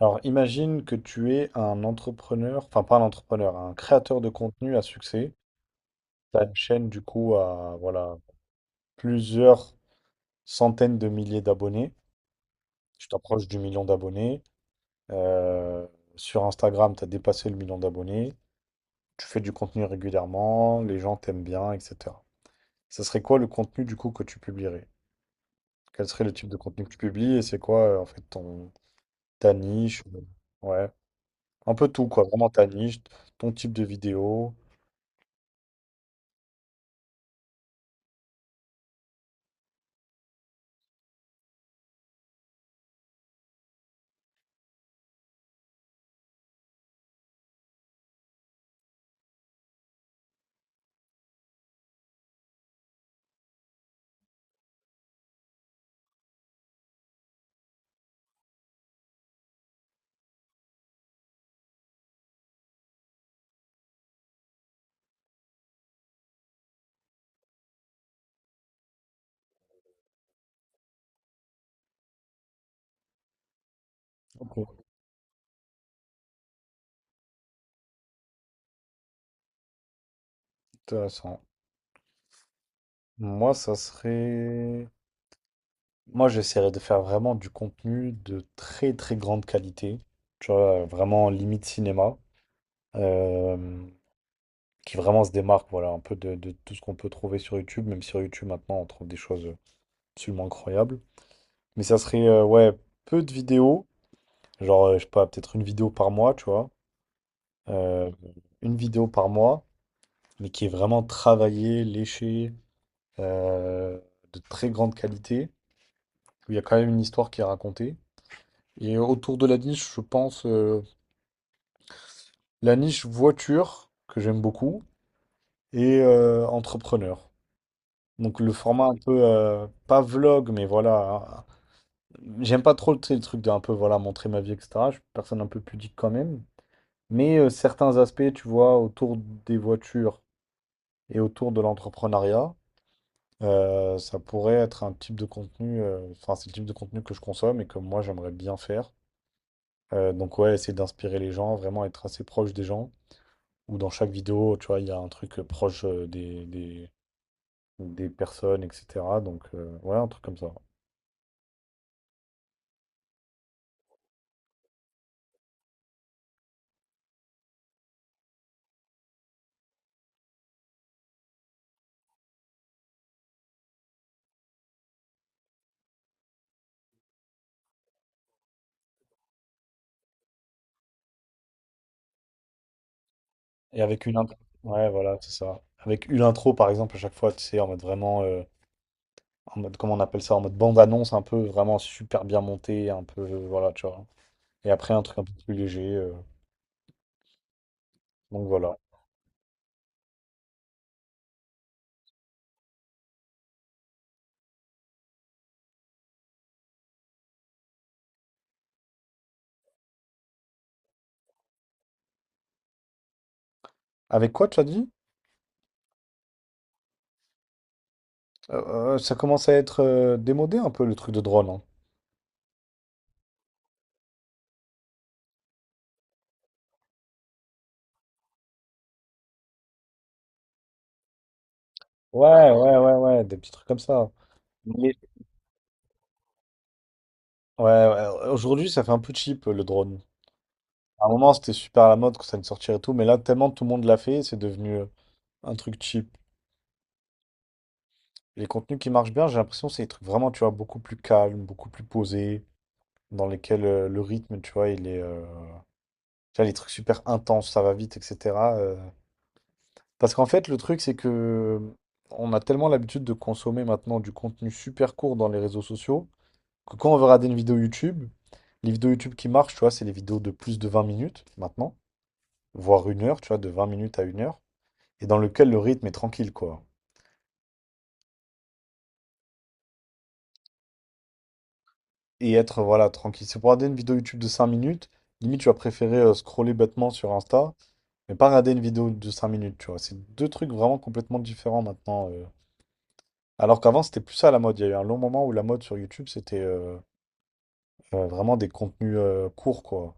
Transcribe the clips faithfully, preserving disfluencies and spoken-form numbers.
Alors, imagine que tu es un entrepreneur, enfin pas un entrepreneur, un créateur de contenu à succès. Tu as une chaîne du coup à voilà, plusieurs centaines de milliers d'abonnés. Tu t'approches du million d'abonnés. Euh, Sur Instagram, tu as dépassé le million d'abonnés. Tu fais du contenu régulièrement, les gens t'aiment bien, et cetera. Ce serait quoi le contenu du coup que tu publierais? Quel serait le type de contenu que tu publies et c'est quoi euh, en fait ton ta niche? euh, Ouais, un peu tout quoi, vraiment ta niche, ton type de vidéo. Ok. Intéressant. Moi, ça serait. Moi, j'essaierais de faire vraiment du contenu de très très grande qualité, tu vois, vraiment limite cinéma, euh, qui vraiment se démarque, voilà, un peu de, de tout ce qu'on peut trouver sur YouTube, même sur YouTube maintenant, on trouve des choses absolument incroyables. Mais ça serait, euh, ouais, peu de vidéos, genre, euh, je sais pas, peut-être une vidéo par mois, tu vois, euh, une vidéo par mois, mais qui est vraiment travaillée, léchée, euh, de très grande qualité. Il y a quand même une histoire qui est racontée. Et autour de la niche, je pense euh, la niche voiture, que j'aime beaucoup, et euh, entrepreneur. Donc le format un peu, euh, pas vlog, mais voilà, hein. J'aime pas trop, tu sais, le truc d'un peu, voilà, montrer ma vie, et cetera. Je suis une personne un peu pudique quand même. Mais euh, certains aspects, tu vois, autour des voitures et autour de l'entrepreneuriat, euh, ça pourrait être un type de contenu, euh, enfin, c'est le type de contenu que je consomme et que moi, j'aimerais bien faire. Euh, donc ouais, essayer d'inspirer les gens, vraiment être assez proche des gens. Ou dans chaque vidéo, tu vois, il y a un truc euh, proche euh, des, des, des personnes, et cetera. Donc euh, ouais, un truc comme ça. Et avec une intro. Ouais, voilà, c'est ça. Avec une intro, par exemple, à chaque fois, tu sais, en mode vraiment, euh, en mode, comment on appelle ça, en mode bande-annonce, un peu vraiment super bien monté un peu, euh, voilà, tu vois. Et après, un truc un peu plus léger. Euh, donc voilà. Avec quoi, tu as dit? Euh, euh, ça commence à être euh, démodé un peu le truc de drone, hein. Ouais, ah, ouais, ouais, ouais, des petits trucs comme ça. mais- Ouais, ouais, aujourd'hui ça fait un peu cheap euh, le drone. À un moment c'était super à la mode quand ça allait sortir et tout, mais là tellement tout le monde l'a fait, c'est devenu euh, un truc cheap. Les contenus qui marchent bien, j'ai l'impression c'est des trucs vraiment, tu vois, beaucoup plus calmes, beaucoup plus posés, dans lesquels euh, le rythme, tu vois, il est. euh, Tu vois, les trucs super intenses, ça va vite, et cetera. Parce qu'en fait, le truc, c'est que on a tellement l'habitude de consommer maintenant du contenu super court dans les réseaux sociaux que quand on veut regarder une vidéo YouTube, les vidéos YouTube qui marchent, tu vois, c'est les vidéos de plus de vingt minutes maintenant, voire une heure, tu vois, de vingt minutes à une heure, et dans lequel le rythme est tranquille, quoi. Et être, voilà, tranquille. C'est pour regarder une vidéo YouTube de cinq minutes, limite, tu vas préférer euh, scroller bêtement sur Insta, mais pas regarder une vidéo de cinq minutes, tu vois. C'est deux trucs vraiment complètement différents maintenant. euh. Alors qu'avant, c'était plus ça la mode. Il y a eu un long moment où la mode sur YouTube, c'était. Euh, Euh, vraiment des contenus euh, courts, quoi.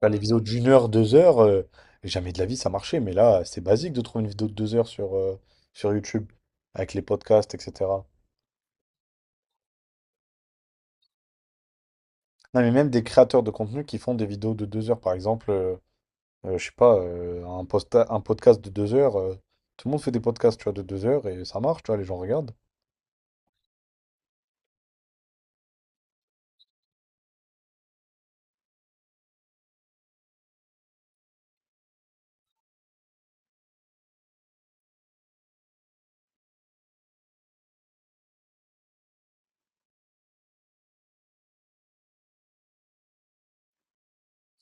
Bah, les vidéos d'une heure, deux heures, euh, jamais de la vie ça marchait, mais là, c'est basique de trouver une vidéo de deux heures sur, euh, sur YouTube, avec les podcasts, et cetera. Non, mais même des créateurs de contenu qui font des vidéos de deux heures, par exemple. Euh, Euh, je sais pas, euh, un, posta- un podcast de deux heures, euh, tout le monde fait des podcasts, tu vois, de deux heures et ça marche, tu vois, les gens regardent.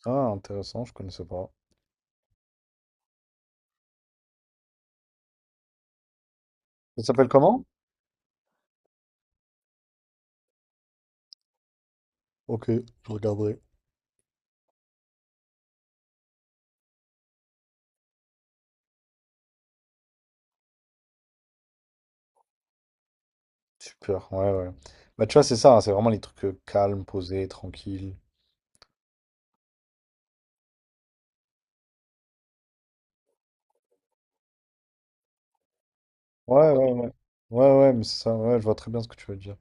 Ah, intéressant, je connaissais pas. Ça s'appelle comment? Ok, je regarderai. Super, ouais, ouais. Bah, tu vois, c'est ça, hein, c'est vraiment les trucs euh, calmes, posés, tranquilles. Ouais, ouais, ouais. Ouais, ouais, mais c'est ça, ouais, je vois très bien ce que tu veux dire.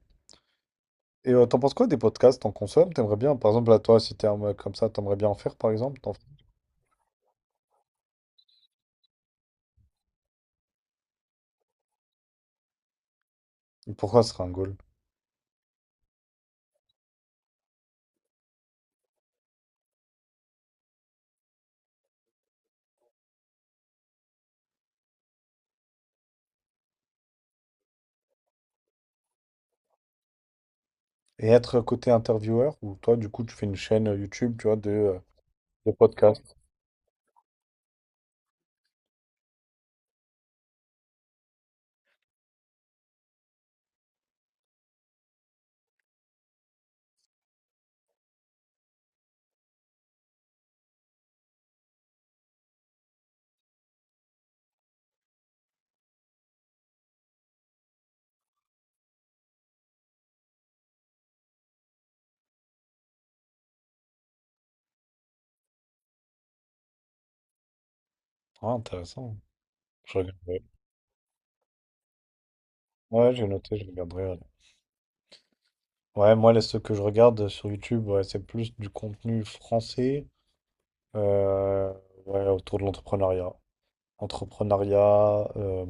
Et euh, t'en penses quoi des podcasts? T'en consommes? T'aimerais bien, par exemple, là, toi, si t'es un mec comme ça, t'aimerais bien en faire, par exemple? T'en... fais- Et pourquoi ce serait un goal? Et être côté intervieweur, ou toi, du coup, tu fais une chaîne euh, YouTube, tu vois, de, euh, de podcasts. Ah, intéressant. Je regarderai. Ouais, j'ai noté, je regarderai. Ouais, ouais, moi, là, ce que je regarde euh, sur YouTube, ouais, c'est plus du contenu français, euh, ouais, autour de l'entrepreneuriat. Entrepreneuriat euh,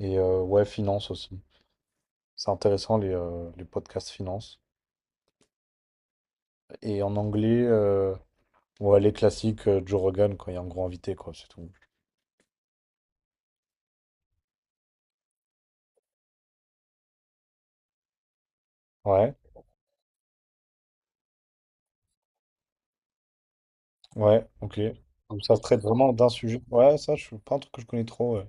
et euh, ouais, finance aussi. C'est intéressant les, euh, les podcasts finance. Et en anglais, euh, ouais, les classiques euh, Joe Rogan quand il y a un gros invité, quoi, c'est tout. Ouais, ouais, ok. Donc ça se traite vraiment d'un sujet. Ouais, ça, je suis pas un truc que je connais trop. Ouais,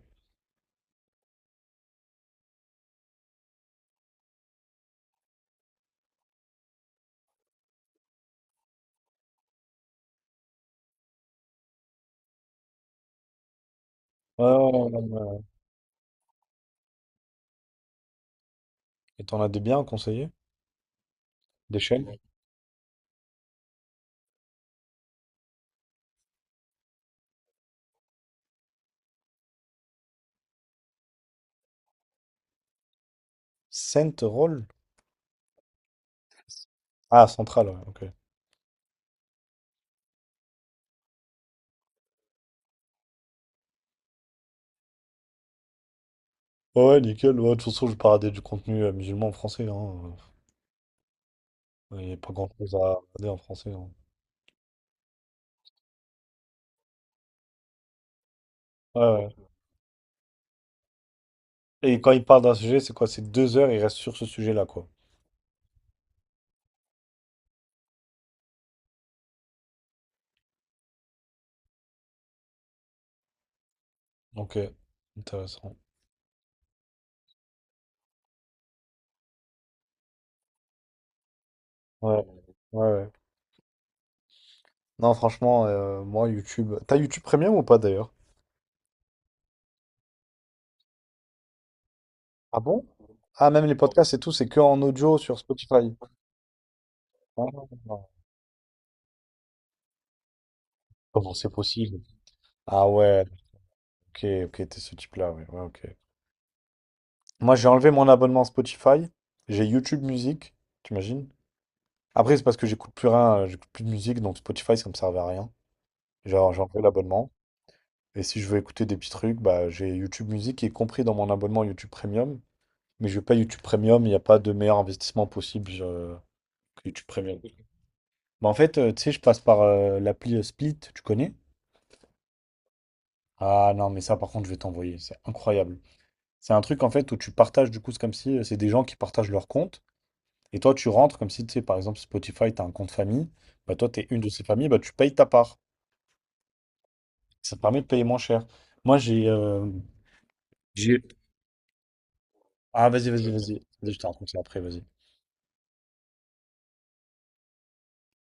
ouais, ouais, ouais, ouais, ouais. Et t'en as des biens à conseiller? Des chaînes? Central? Ah, Central, ouais, ok. Ouais, ouais, nickel. Ouais, de toute façon, je vais pas regarder du contenu euh, musulman en français, hein. Il n'y a pas grand-chose à regarder en français, hein. Ouais, ouais. Et quand il parle d'un sujet, c'est quoi? C'est deux heures, il reste sur ce sujet-là, quoi. Ok, intéressant. Ouais, ouais, ouais. Non, franchement, euh, moi, YouTube. T'as YouTube Premium ou pas d'ailleurs? Ah bon? Ah, même les podcasts et tout, c'est que en audio sur Spotify. Ah, comment c'est possible? Ah ouais, ok, ok, t'es ce type-là, ouais, ouais, ok. Moi, j'ai enlevé mon abonnement Spotify, j'ai YouTube Music, t'imagines? Après, c'est parce que j'écoute plus rien, euh, j'écoute plus de musique, donc Spotify, ça me servait à rien. Genre, j'ai enlevé l'abonnement. Et si je veux écouter des petits trucs, bah, j'ai YouTube Music qui est compris dans mon abonnement YouTube Premium. Mais je veux pas YouTube Premium, il n'y a pas de meilleur investissement possible euh, que YouTube Premium. Bah, en fait, euh, tu sais, je passe par euh, l'appli euh, Split, tu connais? Ah non, mais ça par contre, je vais t'envoyer, c'est incroyable. C'est un truc en fait où tu partages, du coup, c'est comme si euh, c'est des gens qui partagent leur compte. Et toi, tu rentres comme si, tu sais, par exemple, Spotify, tu as un compte famille. Bah, toi, tu es une de ces familles, bah, tu payes ta part. Ça te permet de payer moins cher. Moi, j'ai. euh, Ah, vas-y, vas-y, vas-y. Vas-y, je te raconte ça après, vas-y.